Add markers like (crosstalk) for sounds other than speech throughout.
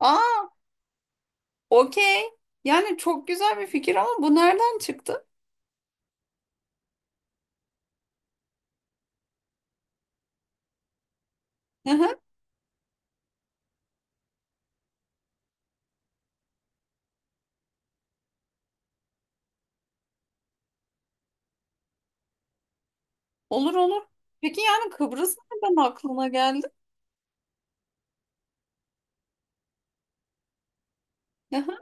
Aa, okey. Yani çok güzel bir fikir ama bu nereden çıktı? Hı hı. Olur olur. Peki yani Kıbrıs nereden aklına geldi? Hı hı.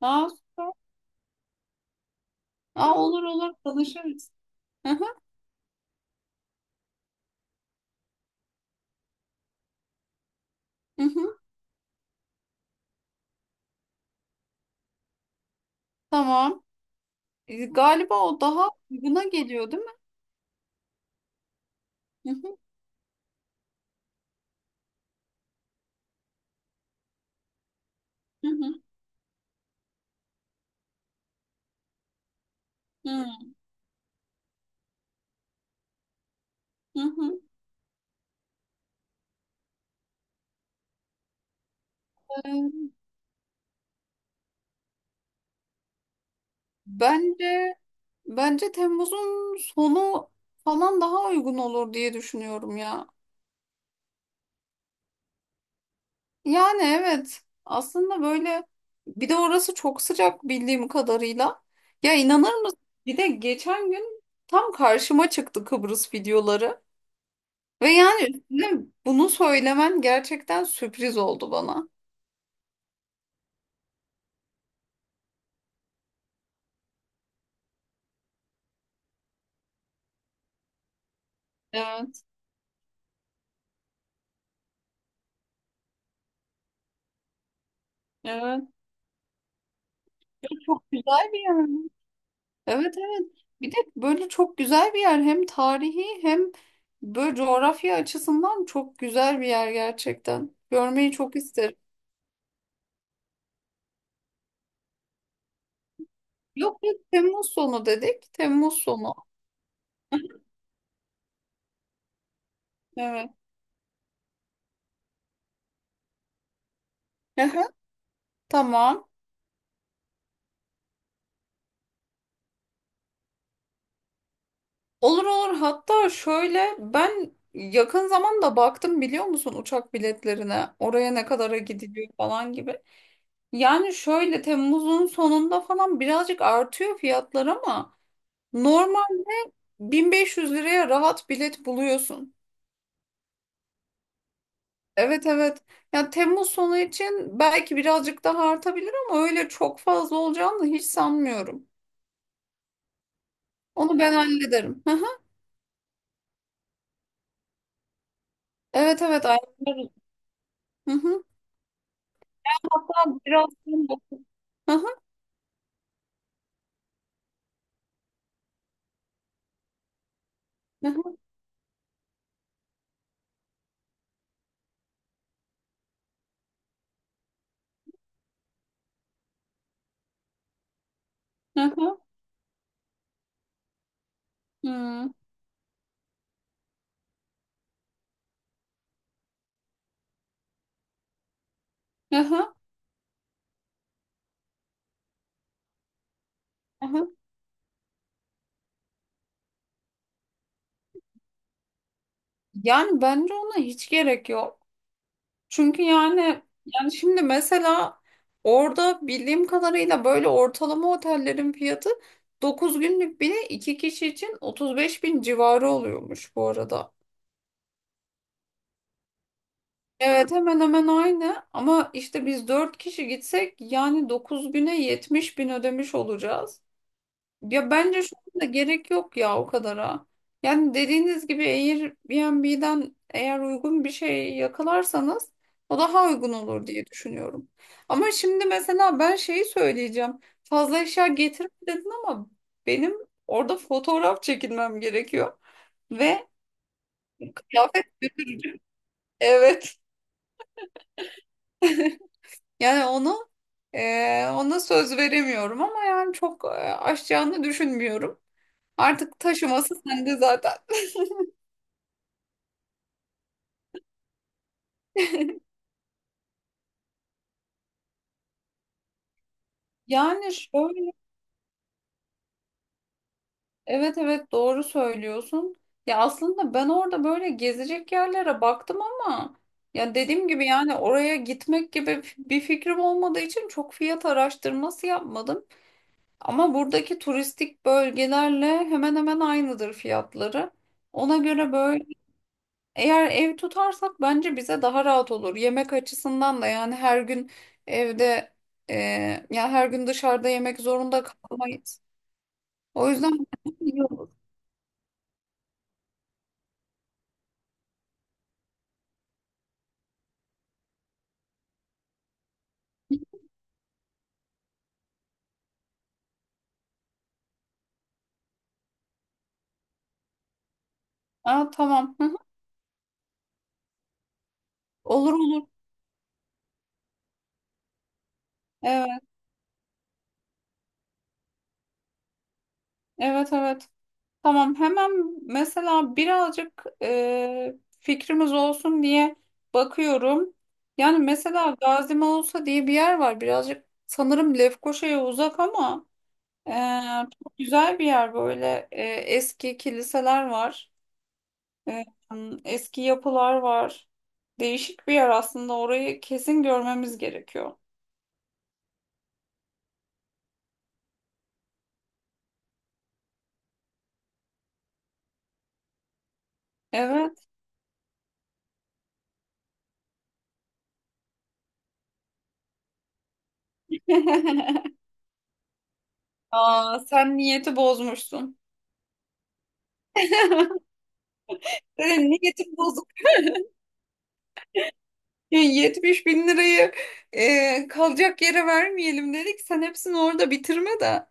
Aa, süper. Aa, olur olur tanışırız. Hı hı, hı hı. Tamam. Galiba o daha uyguna geliyor, değil mi? Hı hı, hı hı, hı hı, hı. Ee, Bence bence Temmuz'un sonu falan daha uygun olur diye düşünüyorum ya. Yani evet, aslında böyle bir de orası çok sıcak bildiğim kadarıyla. Ya, inanır mısın? Bir de geçen gün tam karşıma çıktı Kıbrıs videoları. Ve yani üstüne bunu söylemen gerçekten sürpriz oldu bana. Evet, evet. Çok güzel bir yer. Evet, evet. Bir de böyle çok güzel bir yer. Hem tarihi hem böyle coğrafya açısından çok güzel bir yer gerçekten. Görmeyi çok isterim. Yok yok, Temmuz sonu dedik. Temmuz sonu. Evet. Aha, tamam. Olur olur. Hatta şöyle, ben yakın zamanda baktım, biliyor musun, uçak biletlerine. Oraya ne kadara gidiliyor falan gibi. Yani şöyle Temmuz'un sonunda falan birazcık artıyor fiyatlar ama normal 1500 liraya rahat bilet buluyorsun. Evet evet. Ya Temmuz sonu için belki birazcık daha artabilir ama öyle çok fazla olacağını hiç sanmıyorum. Onu ben hallederim. Hı hı. Evet evet. Ayarlarım. Hı hı. Hatta biraz. Aha, aha, aha, hmm, aha, aha. Yani bence ona hiç gerek yok. Çünkü yani şimdi mesela orada bildiğim kadarıyla böyle ortalama otellerin fiyatı 9 günlük bile 2 kişi için 35.000 civarı oluyormuş bu arada. Evet hemen hemen aynı ama işte biz 4 kişi gitsek yani 9 güne 70.000 ödemiş olacağız. Ya bence şu anda gerek yok ya, o kadara. Yani dediğiniz gibi Airbnb'den eğer uygun bir şey yakalarsanız o daha uygun olur diye düşünüyorum. Ama şimdi mesela ben şeyi söyleyeceğim. Fazla eşya getirme dedin ama benim orada fotoğraf çekilmem gerekiyor. Ve kıyafet götüreceğim. Evet. Yani onu ona söz veremiyorum ama yani çok aşacağını düşünmüyorum. Artık taşıması sende zaten. (laughs) Yani şöyle Evet evet, doğru söylüyorsun. Ya aslında ben orada böyle gezecek yerlere baktım ama ya dediğim gibi yani oraya gitmek gibi bir fikrim olmadığı için çok fiyat araştırması yapmadım. Ama buradaki turistik bölgelerle hemen hemen aynıdır fiyatları. Ona göre böyle eğer ev tutarsak bence bize daha rahat olur. Yemek açısından da yani her gün evde e, ya her gün dışarıda yemek zorunda kalmayız. O yüzden iyi olur. Aa, tamam. Hı. Olur olur. Evet, evet, evet. Tamam, hemen mesela birazcık fikrimiz olsun diye bakıyorum. Yani mesela Gazi Mausa diye bir yer var. Birazcık sanırım Lefkoşa'ya uzak ama e, çok güzel bir yer böyle. Eski kiliseler var. E, Eski yapılar var. Değişik bir yer aslında. Orayı kesin görmemiz gerekiyor. Evet. (laughs) Aa, sen niyeti bozmuşsun. (laughs) E, Niyetim bozuk. 70 bin lirayı kalacak yere vermeyelim dedik. Sen hepsini orada bitirme de.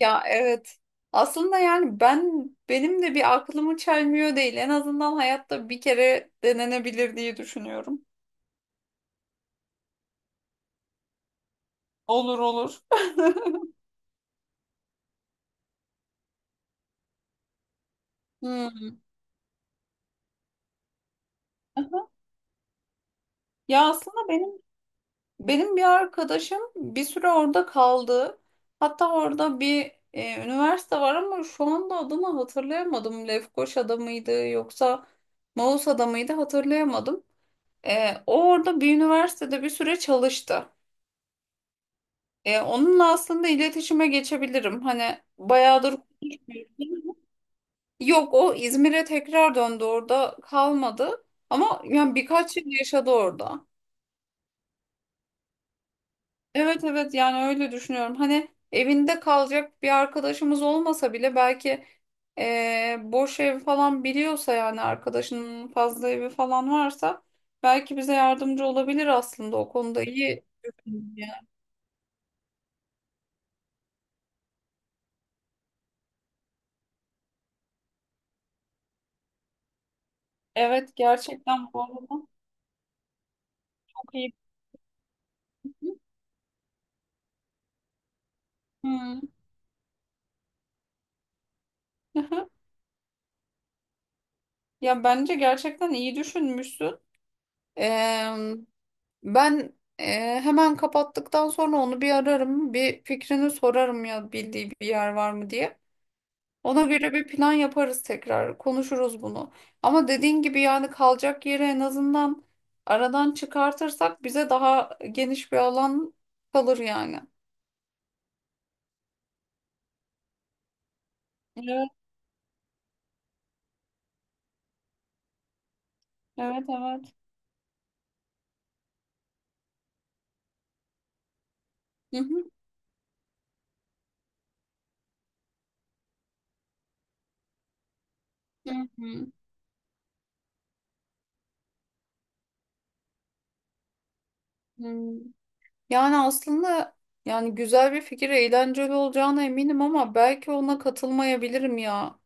Ya evet. Aslında yani benim de bir aklımı çelmiyor değil. En azından hayatta bir kere denenebilir diye düşünüyorum. Olur olur. (laughs) Hmm. Ya aslında benim Benim bir arkadaşım bir süre orada kaldı. Hatta orada bir üniversite var ama şu anda adını hatırlayamadım. Lefkoşa'da mıydı yoksa Mausa'da mıydı hatırlayamadım. O orada bir üniversitede bir süre çalıştı. Onunla aslında iletişime geçebilirim. Hani bayağıdır konuşmuyoruz. Yok, o İzmir'e tekrar döndü, orada kalmadı. Ama yani birkaç yıl yaşadı orada. Evet evet yani öyle düşünüyorum. Hani evinde kalacak bir arkadaşımız olmasa bile belki boş ev falan biliyorsa yani arkadaşının fazla evi falan varsa belki bize yardımcı olabilir, aslında o konuda iyi düşünüyor. Evet gerçekten bu arada çok iyi. Hmm. (laughs) Ya bence gerçekten iyi düşünmüşsün. Eee, ben hemen kapattıktan sonra onu bir ararım, bir fikrini sorarım ya bildiği bir yer var mı diye. Ona göre bir plan yaparız tekrar. Konuşuruz bunu. Ama dediğin gibi yani kalacak yeri en azından aradan çıkartırsak bize daha geniş bir alan kalır yani. Evet, evet, evet. Hı hı. Hı hı. Hı. Yani aslında yani güzel bir fikir, eğlenceli olacağına eminim ama belki ona katılmayabilirim ya.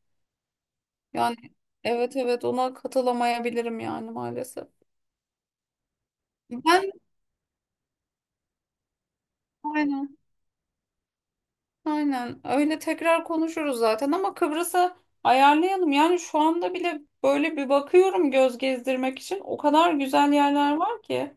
Yani evet evet, ona katılamayabilirim yani maalesef. Ben aynen. Aynen öyle, tekrar konuşuruz zaten ama Kıbrıs'a ayarlayalım. Yani şu anda bile böyle bir bakıyorum göz gezdirmek için. O kadar güzel yerler var ki.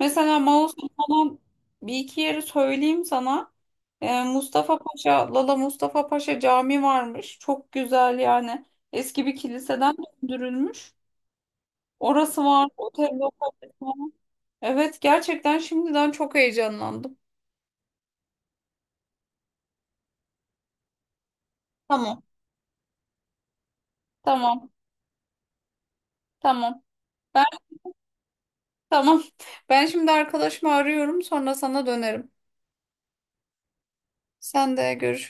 Mesela Mausos falan, bir iki yeri söyleyeyim sana. Mustafa Paşa, Lala Mustafa Paşa Camii varmış. Çok güzel yani. Eski bir kiliseden döndürülmüş. Orası var. Otel lokasyonu var. Evet gerçekten şimdiden çok heyecanlandım. Tamam. Tamam. Tamam. Tamam. Ben şimdi arkadaşımı arıyorum, sonra sana dönerim. Sen de görüş.